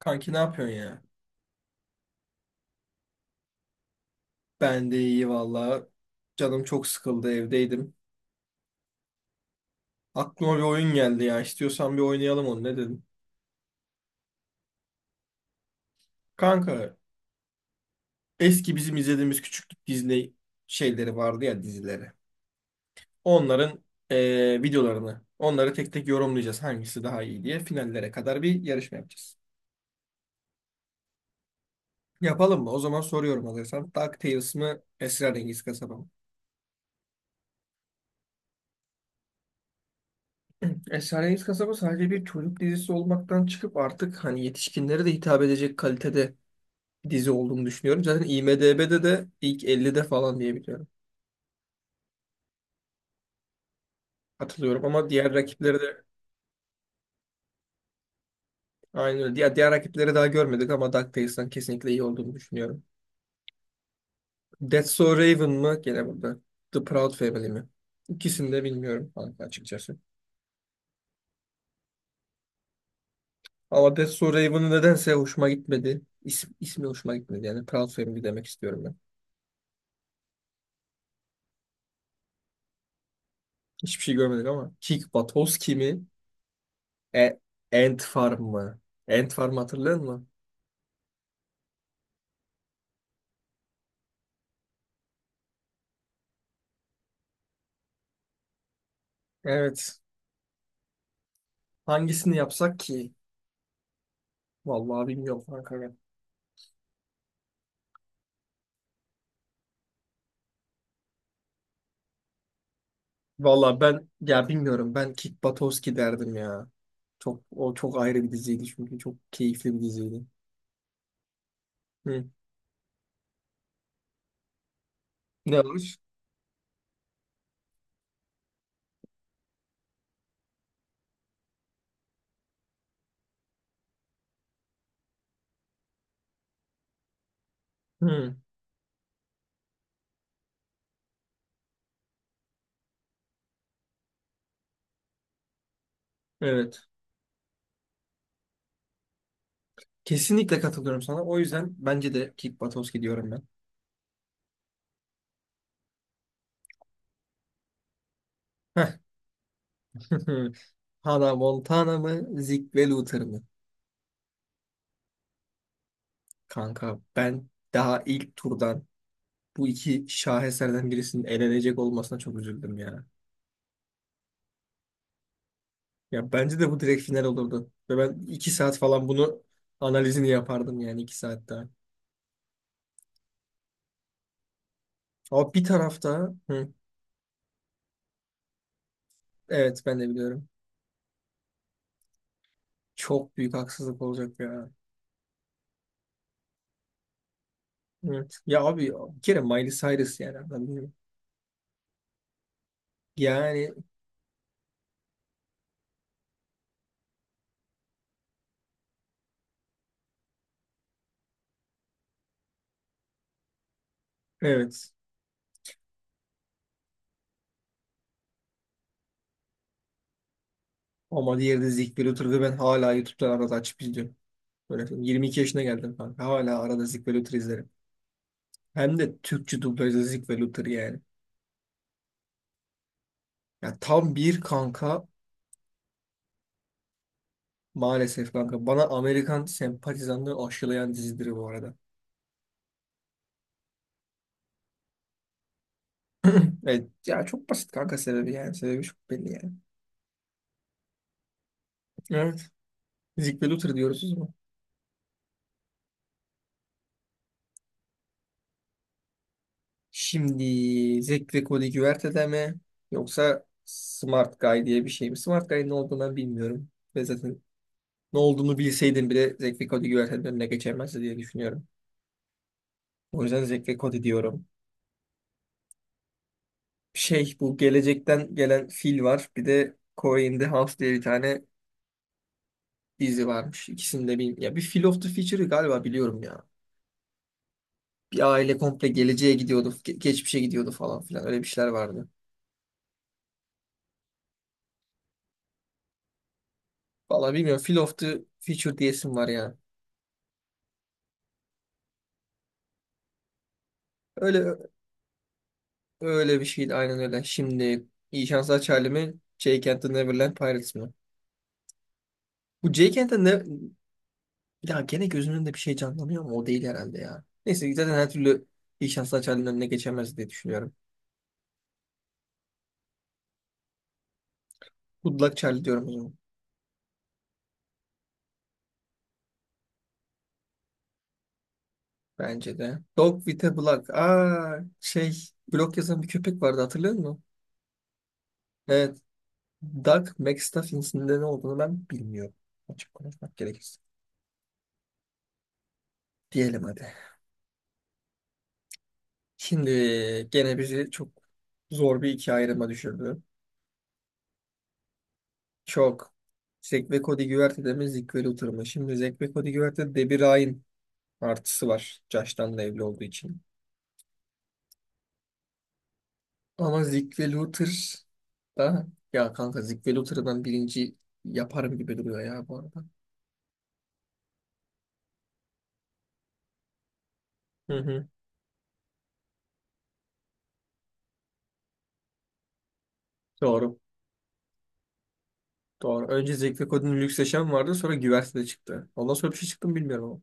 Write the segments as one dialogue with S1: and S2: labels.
S1: Kanki ne yapıyorsun ya? Ben de iyi valla. Canım çok sıkıldı evdeydim. Aklıma bir oyun geldi ya. İstiyorsan bir oynayalım onu ne dedim. Kanka eski bizim izlediğimiz küçüklük Disney şeyleri vardı ya dizileri. Onların videolarını onları tek tek yorumlayacağız hangisi daha iyi diye finallere kadar bir yarışma yapacağız. Yapalım mı? O zaman soruyorum hazırsan. DuckTales mı Esrarengiz Kasaba mı? Esrarengiz Kasaba sadece bir çocuk dizisi olmaktan çıkıp artık hani yetişkinlere de hitap edecek kalitede dizi olduğunu düşünüyorum. Zaten IMDb'de de ilk 50'de falan diye biliyorum. Hatırlıyorum ama diğer rakipleri de aynı öyle. Diğer rakipleri daha görmedik ama DuckTales'tan kesinlikle iyi olduğunu düşünüyorum. That's So Raven mı? Gene burada. The Proud Family mi? İkisini de bilmiyorum kanka açıkçası. Ama That's So Raven'ı nedense hoşuma gitmedi. İsmi hoşuma gitmedi. Yani Proud Family demek istiyorum ben. Hiçbir şey görmedik ama. Kick Buttowski mi? E, Ant Farm mı? Ant Farm hatırlıyor musun? Evet. Hangisini yapsak ki? Vallahi bilmiyorum kanka ya. Vallahi ben ya bilmiyorum. Ben Kick Buttowski derdim ya. Çok o çok ayrı bir diziydi çünkü çok keyifli bir diziydi. Hı. Ne olmuş? Hı. Evet. Kesinlikle katılıyorum sana. O yüzden bence de Kick Buttowski diyorum ben. Heh. Hannah Montana mı, Zeke ve Luther mı? Kanka ben daha ilk turdan bu iki şaheserden birisinin elenecek olmasına çok üzüldüm ya. Ya bence de bu direkt final olurdu. Ve ben iki saat falan bunu analizini yapardım yani iki saat daha. Ama bir tarafta hı, evet ben de biliyorum. Çok büyük haksızlık olacak ya. Evet. Ya abi bir kere Miley Cyrus yani anladın. Yani evet. Ama diğeri de Zig ve ve ben hala YouTube'dan arada açıp izliyorum. Böyle 22 yaşına geldim kanka. Hala arada Zig ve izlerim. Hem de Türkçe dublajda Zig ve yani. Ya tam bir kanka. Maalesef kanka. Bana Amerikan sempatizanlığı aşılayan dizidir bu arada. Evet. Ya çok basit kanka sebebi yani. Sebebi çok belli yani. Evet. Zig ve Luther diyoruz o. Şimdi Zek ve Cody Güverte'de mi? Yoksa Smart Guy diye bir şey mi? Smart Guy'ın ne olduğunu ben bilmiyorum. Ve zaten ne olduğunu bilseydim bile Zek ve Cody Güverte'nin önüne geçemezdi diye düşünüyorum. O yüzden Zek ve Cody diyorum. Şey bu gelecekten gelen fil var. Bir de Corey in the House diye bir tane dizi varmış. İkisini de bilmiyorum. Ya bir Phil of the Future'ı galiba biliyorum ya. Bir aile komple geleceğe gidiyordu, geçmişe gidiyordu falan filan. Öyle bir şeyler vardı. Vallahi bilmiyorum. Phil of the Future diyesim var ya. Öyle öyle bir şeydi aynen öyle. Şimdi iyi şanslar Charlie mi? Jake and the Neverland Pirates mi? Bu Jake and the Ne- ya gene gözümün önünde bir şey canlanıyor ama o değil herhalde ya. Neyse zaten her türlü iyi şanslar Charlie'nin önüne geçemez diye düşünüyorum. Good luck Charlie diyorum o zaman. Bence de. Dog with a Block. Aa, şey blok yazan bir köpek vardı hatırlıyor musun? Evet. Doug McStuffins'in de ne olduğunu ben bilmiyorum. Açık konuşmak gerekirse. Diyelim hadi. Şimdi gene bizi çok zor bir iki ayrıma düşürdü. Çok. Zek ve Cody Güverte'de mi Zeke ve Luther mı? Şimdi Zek ve Cody Güverte'de Debbie Ryan artısı var. Josh'tan da evli olduğu için. Ama Zeke ve Luther da ya kanka Zeke ve Luther'ı ben birinci yaparım gibi duruyor ya bu arada. Hı hı. Doğru. Doğru. Önce Zevk kodun Lüks Yaşam vardı. Sonra Güvertede çıktı. Ondan sonra bir şey çıktı mı bilmiyorum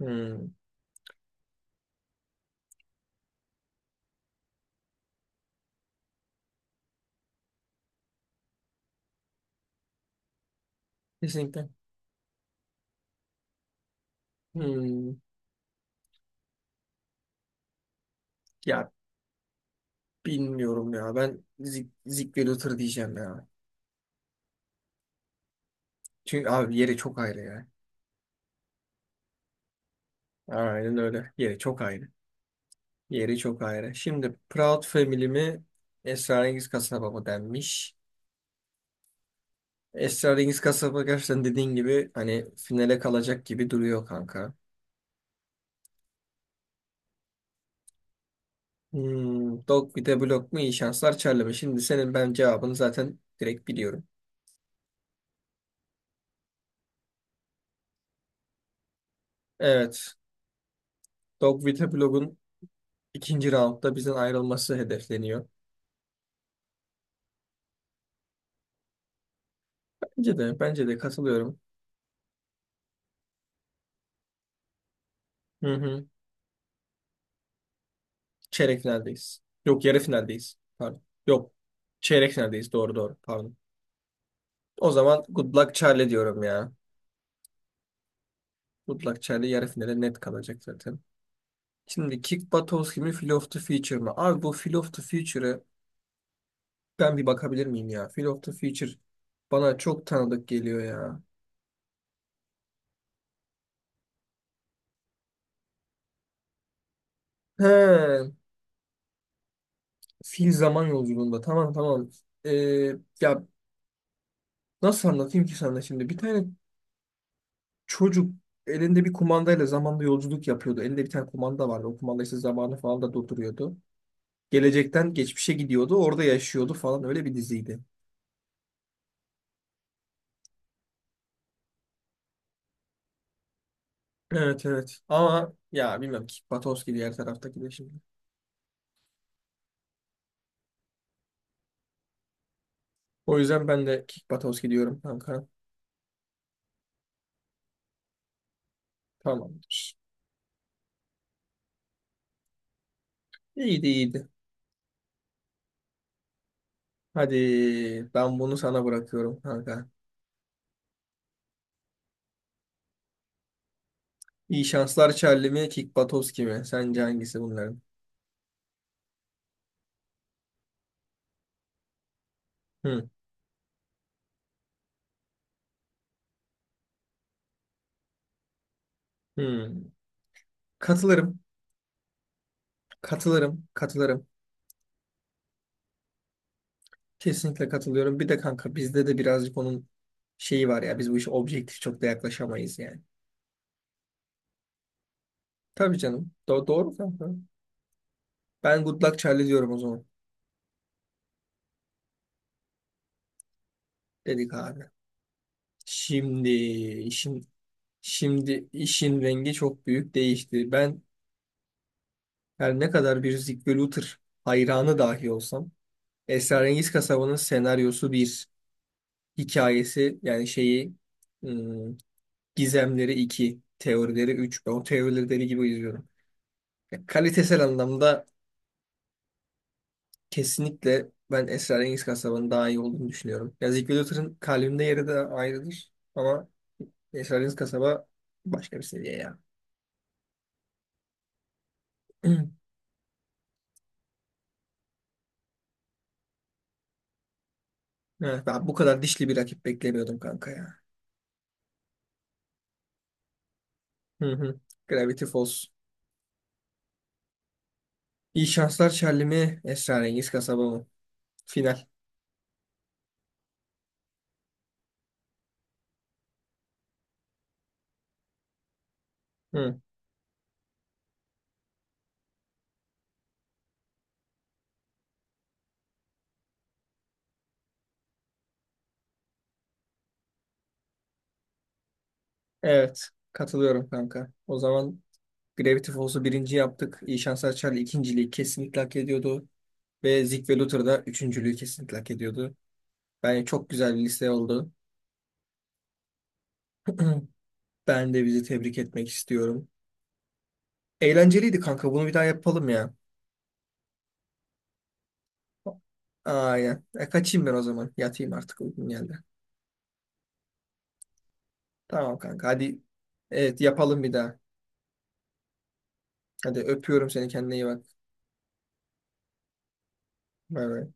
S1: ama. Hmm. Kesinlikle. Hmm. Ya bilmiyorum ya. Ben Zik ve Luther diyeceğim ya. Çünkü abi yeri çok ayrı ya. Aynen öyle. Yeri çok ayrı. Yeri çok ayrı. Şimdi Proud Family mi Esrarengiz Kasaba mı denmiş. Esrarengiz Kasaba gerçekten dediğin gibi hani finale kalacak gibi duruyor kanka. Hmm, dog bir de blok mu iyi şanslar Charlie. Şimdi senin ben cevabını zaten direkt biliyorum. Evet. Dog with a Blog'un ikinci roundda bizden ayrılması hedefleniyor. Bence de katılıyorum. Hı hı. Çeyrek finaldeyiz. Yok yarı finaldeyiz. Pardon. Yok. Çeyrek finaldeyiz. Doğru doğru. Pardon. O zaman good luck Charlie diyorum ya. Good luck Charlie yarı finale net kalacak zaten. Şimdi Kick Buttowski mi Feel of the Future mı? Abi bu Feel of the Future'ı ben bir bakabilir miyim ya? Phil of the Future bana çok tanıdık geliyor ya. He, fil zaman yolculuğunda. Tamam tamam. Ee, ya nasıl anlatayım ki sana şimdi? Bir tane çocuk elinde bir kumandayla zamanda yolculuk yapıyordu. Elinde bir tane kumanda vardı. O kumanda işte zamanı falan da durduruyordu. Gelecekten geçmişe gidiyordu. Orada yaşıyordu falan. Öyle bir diziydi. Evet evet. Ama ya bilmem Kick Buttowski diğer taraftaki de şimdi. O yüzden ben de Kick Buttowski diyorum kanka. Tamamdır. İyiydi iyiydi. Hadi ben bunu sana bırakıyorum kanka. İyi şanslar Charlie mi, Kick Buttowski mi? Sence hangisi bunların? Hı, hı. Katılırım, katılırım. Kesinlikle katılıyorum. Bir de kanka bizde de birazcık onun şeyi var ya. Biz bu işe objektif çok da yaklaşamayız yani. Tabii canım. Doğru kanka. Ben Good Luck Charlie diyorum o zaman. Dedik abi. Şimdi işin şimdi işin rengi çok büyük değişti. Ben her ne kadar bir Zig ve Luther hayranı dahi olsam Esrarengiz Kasaba'nın senaryosu bir hikayesi yani şeyi ım, gizemleri 2 teorileri 3 ben o teorileri deli gibi izliyorum. Ya, kalitesel anlamda kesinlikle ben Esrarengiz Kasaba'nın daha iyi olduğunu düşünüyorum. Ya Zeki Luther'ın kalbimde yeri de ayrıdır ama Esrarengiz Kasaba başka bir seviye ya. Evet, ben bu kadar dişli bir rakip beklemiyordum kanka ya. Hı hı. Gravity Falls. İyi şanslar Charlie mi? Esrarengiz Kasaba mı? Final. Hı. Evet, katılıyorum kanka. O zaman Gravity Falls'u birinci yaptık. İyi Şanslar Charlie ikinciliği kesinlikle hak ediyordu. Ve Zig ve Luther da üçüncülüğü kesinlikle hak ediyordu. Bence çok güzel bir liste oldu. Ben de bizi tebrik etmek istiyorum. Eğlenceliydi kanka. Bunu bir daha yapalım ya. Aynen. Kaçayım ben o zaman. Yatayım artık uykum geldi. Tamam kanka. Hadi. Evet yapalım bir daha. Hadi öpüyorum seni. Kendine iyi bak. Bay bay.